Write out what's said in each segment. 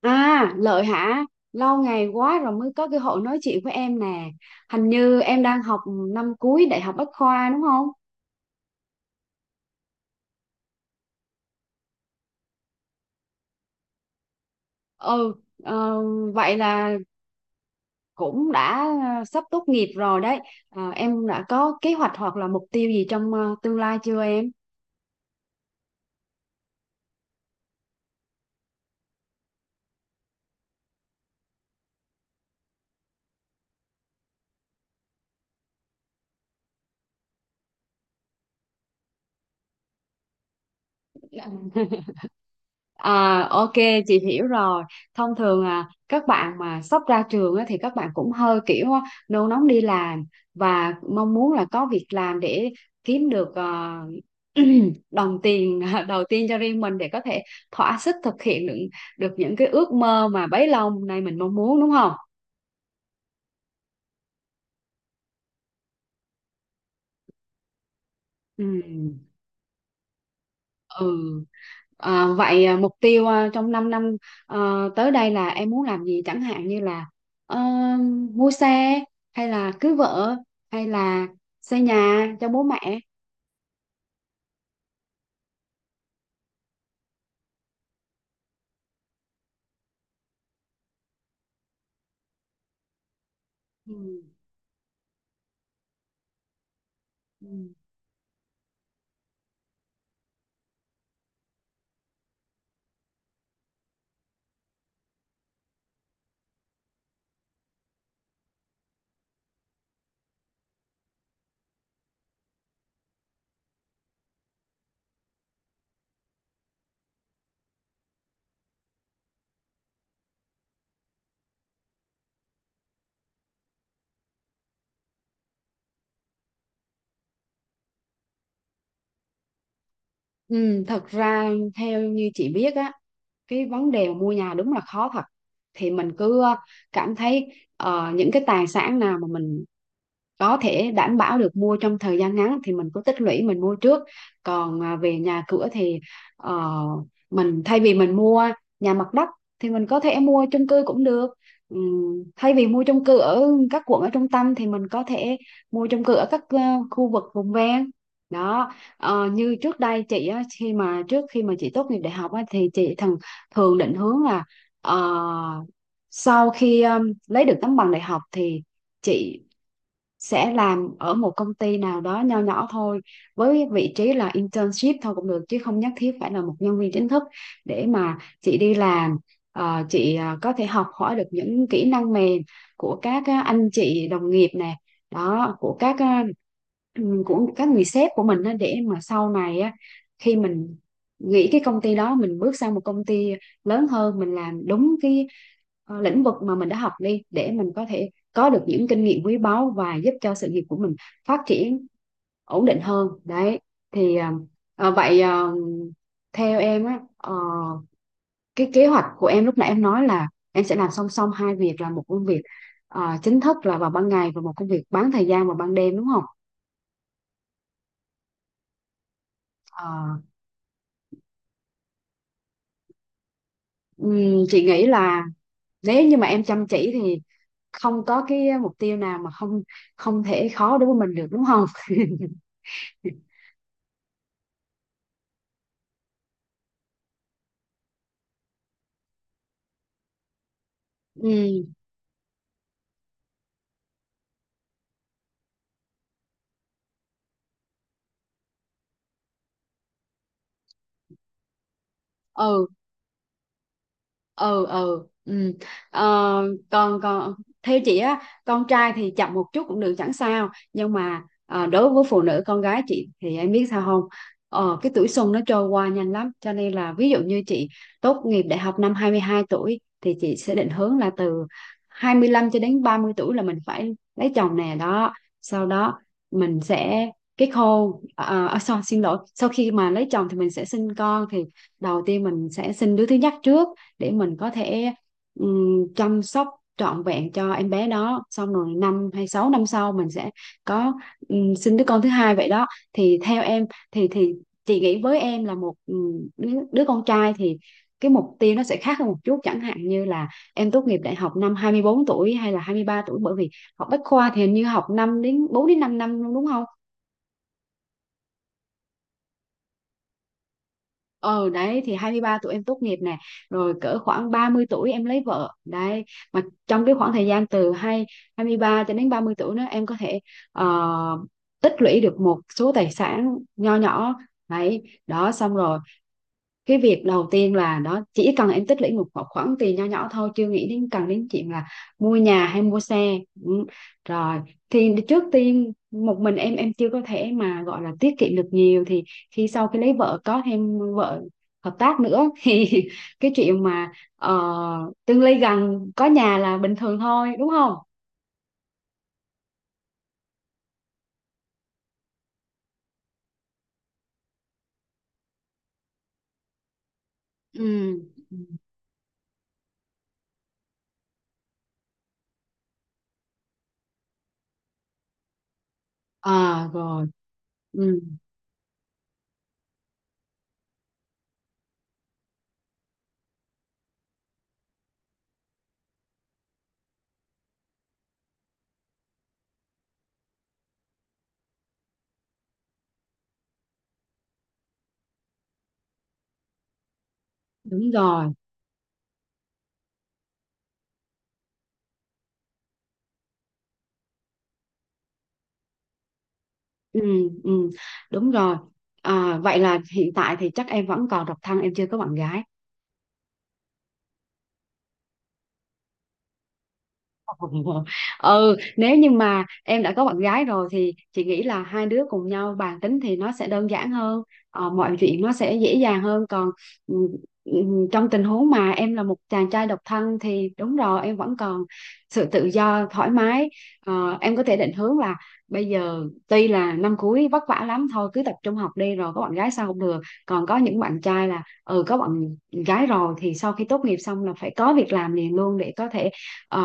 À, Lợi hả? Lâu ngày quá rồi mới có cơ hội nói chuyện với em nè. Hình như em đang học năm cuối Đại học Bách khoa đúng không? Ừ, ờ, vậy là cũng đã sắp tốt nghiệp rồi đấy. Ờ, em đã có kế hoạch hoặc là mục tiêu gì trong tương lai chưa em? À, ok, chị hiểu rồi. Thông thường các bạn mà sắp ra trường á, thì các bạn cũng hơi kiểu nôn nóng đi làm và mong muốn là có việc làm để kiếm được đồng tiền đầu tiên cho riêng mình để có thể thỏa sức thực hiện được những cái ước mơ mà bấy lâu nay mình mong muốn, đúng không? Ừ. Ừ. À, vậy mục tiêu trong 5 năm à, tới đây là em muốn làm gì, chẳng hạn như là ờ, mua xe, hay là cưới vợ, hay là xây nhà cho bố mẹ. Ừ. Ừ. Ừ, thật ra theo như chị biết á, cái vấn đề mà mua nhà đúng là khó thật. Thì mình cứ cảm thấy những cái tài sản nào mà mình có thể đảm bảo được mua trong thời gian ngắn thì mình cứ tích lũy mình mua trước, còn về nhà cửa thì ờ, mình thay vì mình mua nhà mặt đất thì mình có thể mua chung cư cũng được. Thay vì mua chung cư ở các quận ở trung tâm thì mình có thể mua chung cư ở các khu vực vùng ven đó. Ờ, như trước đây chị á, khi mà trước khi mà chị tốt nghiệp đại học á, thì chị thường thường định hướng là ờ, sau khi lấy được tấm bằng đại học thì chị sẽ làm ở một công ty nào đó nho nhỏ thôi, với vị trí là internship thôi cũng được chứ không nhất thiết phải là một nhân viên chính thức, để mà chị đi làm chị có thể học hỏi được những kỹ năng mềm của các anh chị đồng nghiệp nè, đó của các của các người sếp của mình á, để mà sau này á, khi mình nghỉ cái công ty đó mình bước sang một công ty lớn hơn, mình làm đúng cái lĩnh vực mà mình đã học đi, để mình có thể có được những kinh nghiệm quý báu và giúp cho sự nghiệp của mình phát triển ổn định hơn đấy. Thì ờ, vậy ờ, theo em á, cái kế hoạch của em lúc nãy em nói là em sẽ làm song song hai việc, là một công việc chính thức là vào ban ngày và một công việc bán thời gian vào ban đêm, đúng không? Ờ, chị nghĩ là nếu như mà em chăm chỉ thì không có cái mục tiêu nào mà không không thể khó đối với mình được, đúng không? Ừ, ừ, ừ, ừ, ừ. Ờ, còn còn theo chị á, con trai thì chậm một chút cũng được, chẳng sao, nhưng mà đối với phụ nữ con gái chị thì em biết sao không? Ờ, cái tuổi xuân nó trôi qua nhanh lắm, cho nên là ví dụ như chị tốt nghiệp đại học năm 22 tuổi thì chị sẽ định hướng là từ 25 cho đến 30 tuổi là mình phải lấy chồng nè đó, sau đó mình sẽ kết hôn. Sorry, xin lỗi, sau khi mà lấy chồng thì mình sẽ sinh con. Thì đầu tiên mình sẽ sinh đứa thứ nhất trước, để mình có thể chăm sóc trọn vẹn cho em bé đó, xong rồi năm hay sáu năm sau mình sẽ có sinh đứa con thứ hai vậy đó. Thì theo em thì chị nghĩ với em là một đứa con trai thì cái mục tiêu nó sẽ khác hơn một chút, chẳng hạn như là em tốt nghiệp đại học năm 24 tuổi hay là 23 tuổi, bởi vì học bách khoa thì hình như học 5 đến 4 đến 5 năm, đúng không? Ờ đấy, thì 23 tuổi em tốt nghiệp nè, rồi cỡ khoảng 30 tuổi em lấy vợ đấy. Mà trong cái khoảng thời gian từ 23 cho đến 30 tuổi nữa em có thể ờ, tích lũy được một số tài sản nho nhỏ đấy đó, xong rồi cái việc đầu tiên là nó chỉ cần em tích lũy một khoản khoản tiền nho nhỏ thôi, chưa nghĩ đến cần đến chuyện là mua nhà hay mua xe. Ừ. Rồi thì trước tiên một mình em chưa có thể mà gọi là tiết kiệm được nhiều, thì khi sau khi lấy vợ có thêm vợ hợp tác nữa thì cái chuyện mà tương lai gần có nhà là bình thường thôi, đúng không? Ừ. À rồi. Ừ. Đúng rồi. Ừ, ừ, đúng rồi. À, vậy là hiện tại thì chắc em vẫn còn độc thân, em chưa có bạn gái. Ừ, nếu như mà em đã có bạn gái rồi thì chị nghĩ là hai đứa cùng nhau bàn tính thì nó sẽ đơn giản hơn, mọi chuyện nó sẽ dễ dàng hơn, còn ừ, ừ, trong tình huống mà em là một chàng trai độc thân thì đúng rồi, em vẫn còn sự tự do thoải mái. Ờ, em có thể định hướng là bây giờ tuy là năm cuối vất vả lắm, thôi cứ tập trung học đi, rồi có bạn gái sao không được. Còn có những bạn trai là ừ, có bạn gái rồi thì sau khi tốt nghiệp xong là phải có việc làm liền luôn để có thể ờ,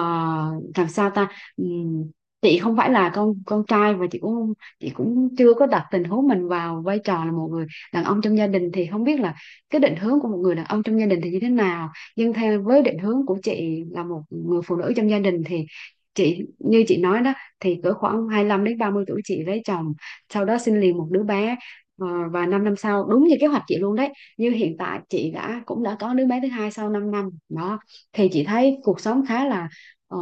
làm sao ta. Ừm, chị không phải là con trai, và chị cũng không- chị cũng chưa có đặt tình huống mình vào vai trò là một người đàn ông trong gia đình, thì không biết là cái định hướng của một người đàn ông trong gia đình thì như thế nào. Nhưng theo với định hướng của chị là một người phụ nữ trong gia đình thì chị như chị nói đó, thì cỡ khoảng hai lăm đến 30 tuổi chị lấy chồng, sau đó sinh liền một đứa bé. Ờ, và 5 năm sau đúng như kế hoạch chị luôn đấy, như hiện tại chị đã cũng đã có đứa bé thứ hai sau 5 năm đó, thì chị thấy cuộc sống khá là ờ,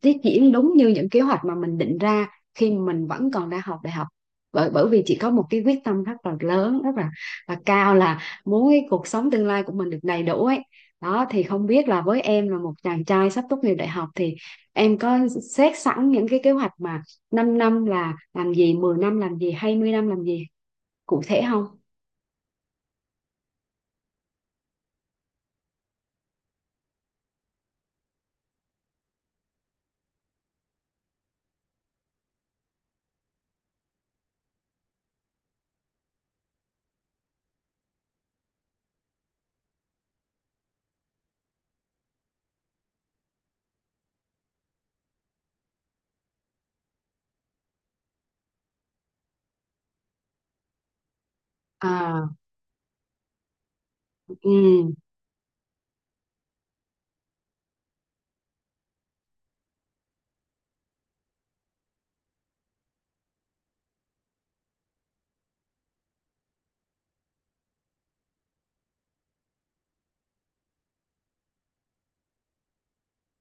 tiết diễn đúng như những kế hoạch mà mình định ra khi mình vẫn còn đang học đại học, bởi bởi vì chị có một cái quyết tâm rất là lớn, là cao, là muốn cái cuộc sống tương lai của mình được đầy đủ ấy đó. Thì không biết là với em là một chàng trai sắp tốt nghiệp đại học thì em có xét sẵn những cái kế hoạch mà 5 năm là làm gì, 10 năm làm gì, hai mươi năm làm gì cụ thể không? À, ừ,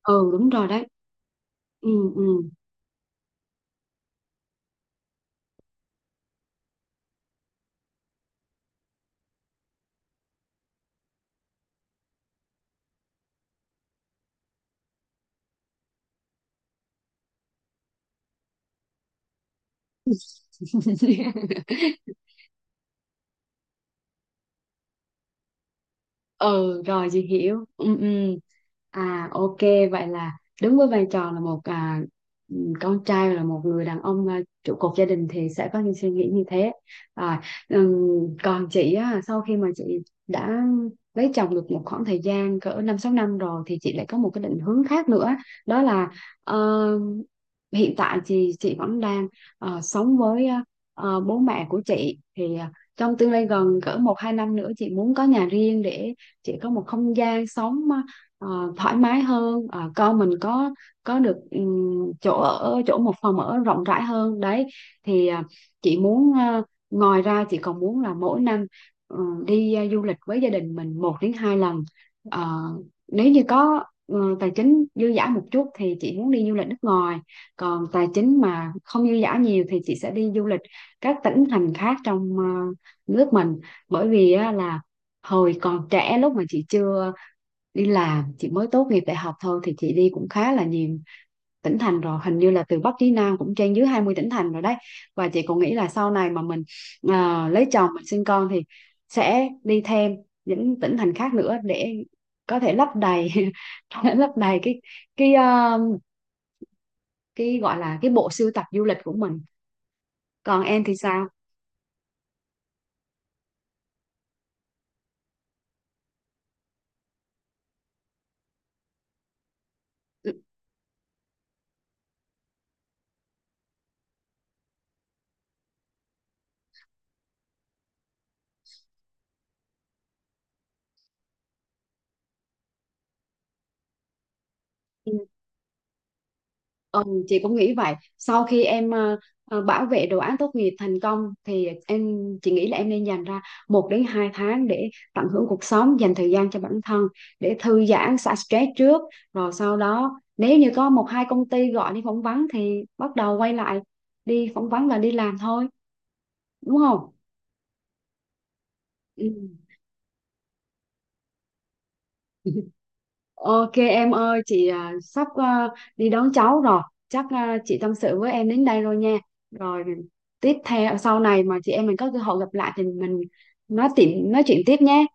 ừ, đúng rồi đấy. Ừ, ừ. Ừ, rồi chị hiểu, ừ, ừ. À, ok, vậy là đứng với vai trò là một con trai, là một người đàn ông trụ cột gia đình, thì sẽ có những suy nghĩ như thế. Rồi, ừm, còn chị á, sau khi mà chị đã lấy chồng được một khoảng thời gian cỡ năm sáu năm rồi thì chị lại có một cái định hướng khác nữa, đó là ờ, hiện tại thì chị vẫn đang sống với bố mẹ của chị, thì trong tương lai gần cỡ một hai năm nữa chị muốn có nhà riêng, để chị có một không gian sống thoải mái hơn. Ờ, con mình có được chỗ ở, chỗ một phòng ở rộng rãi hơn đấy. Thì chị muốn ngoài ra chị còn muốn là mỗi năm ừ, đi du lịch với gia đình mình một đến hai lần. Ờ, nếu như có ừ, tài chính dư dả một chút thì chị muốn đi du lịch nước ngoài, còn tài chính mà không dư dả nhiều thì chị sẽ đi du lịch các tỉnh thành khác trong nước mình. Bởi vì á, là hồi còn trẻ lúc mà chị chưa đi làm, chị mới tốt nghiệp đại học thôi thì chị đi cũng khá là nhiều tỉnh thành rồi, hình như là từ Bắc chí Nam cũng trên dưới 20 tỉnh thành rồi đấy. Và chị cũng nghĩ là sau này mà mình lấy chồng, mình sinh con thì sẽ đi thêm những tỉnh thành khác nữa để có thể lấp đầy lấp đầy cái ờ, cái gọi là cái bộ sưu tập du lịch của mình. Còn em thì sao? Ừ. Ừ. Ừ, chị cũng nghĩ vậy. Sau khi em bảo vệ đồ án tốt nghiệp thành công thì chị nghĩ là em nên dành ra một đến hai tháng để tận hưởng cuộc sống, dành thời gian cho bản thân, để thư giãn, xả stress trước. Rồi sau đó nếu như có một hai công ty gọi đi phỏng vấn thì bắt đầu quay lại đi phỏng vấn và đi làm thôi, đúng không? Ừ. Ok em ơi, chị sắp đi đón cháu rồi. Chắc chị tâm sự với em đến đây rồi nha. Rồi tiếp theo sau này mà chị em mình có cơ hội gặp lại thì mình nói chuyện tiếp nhé.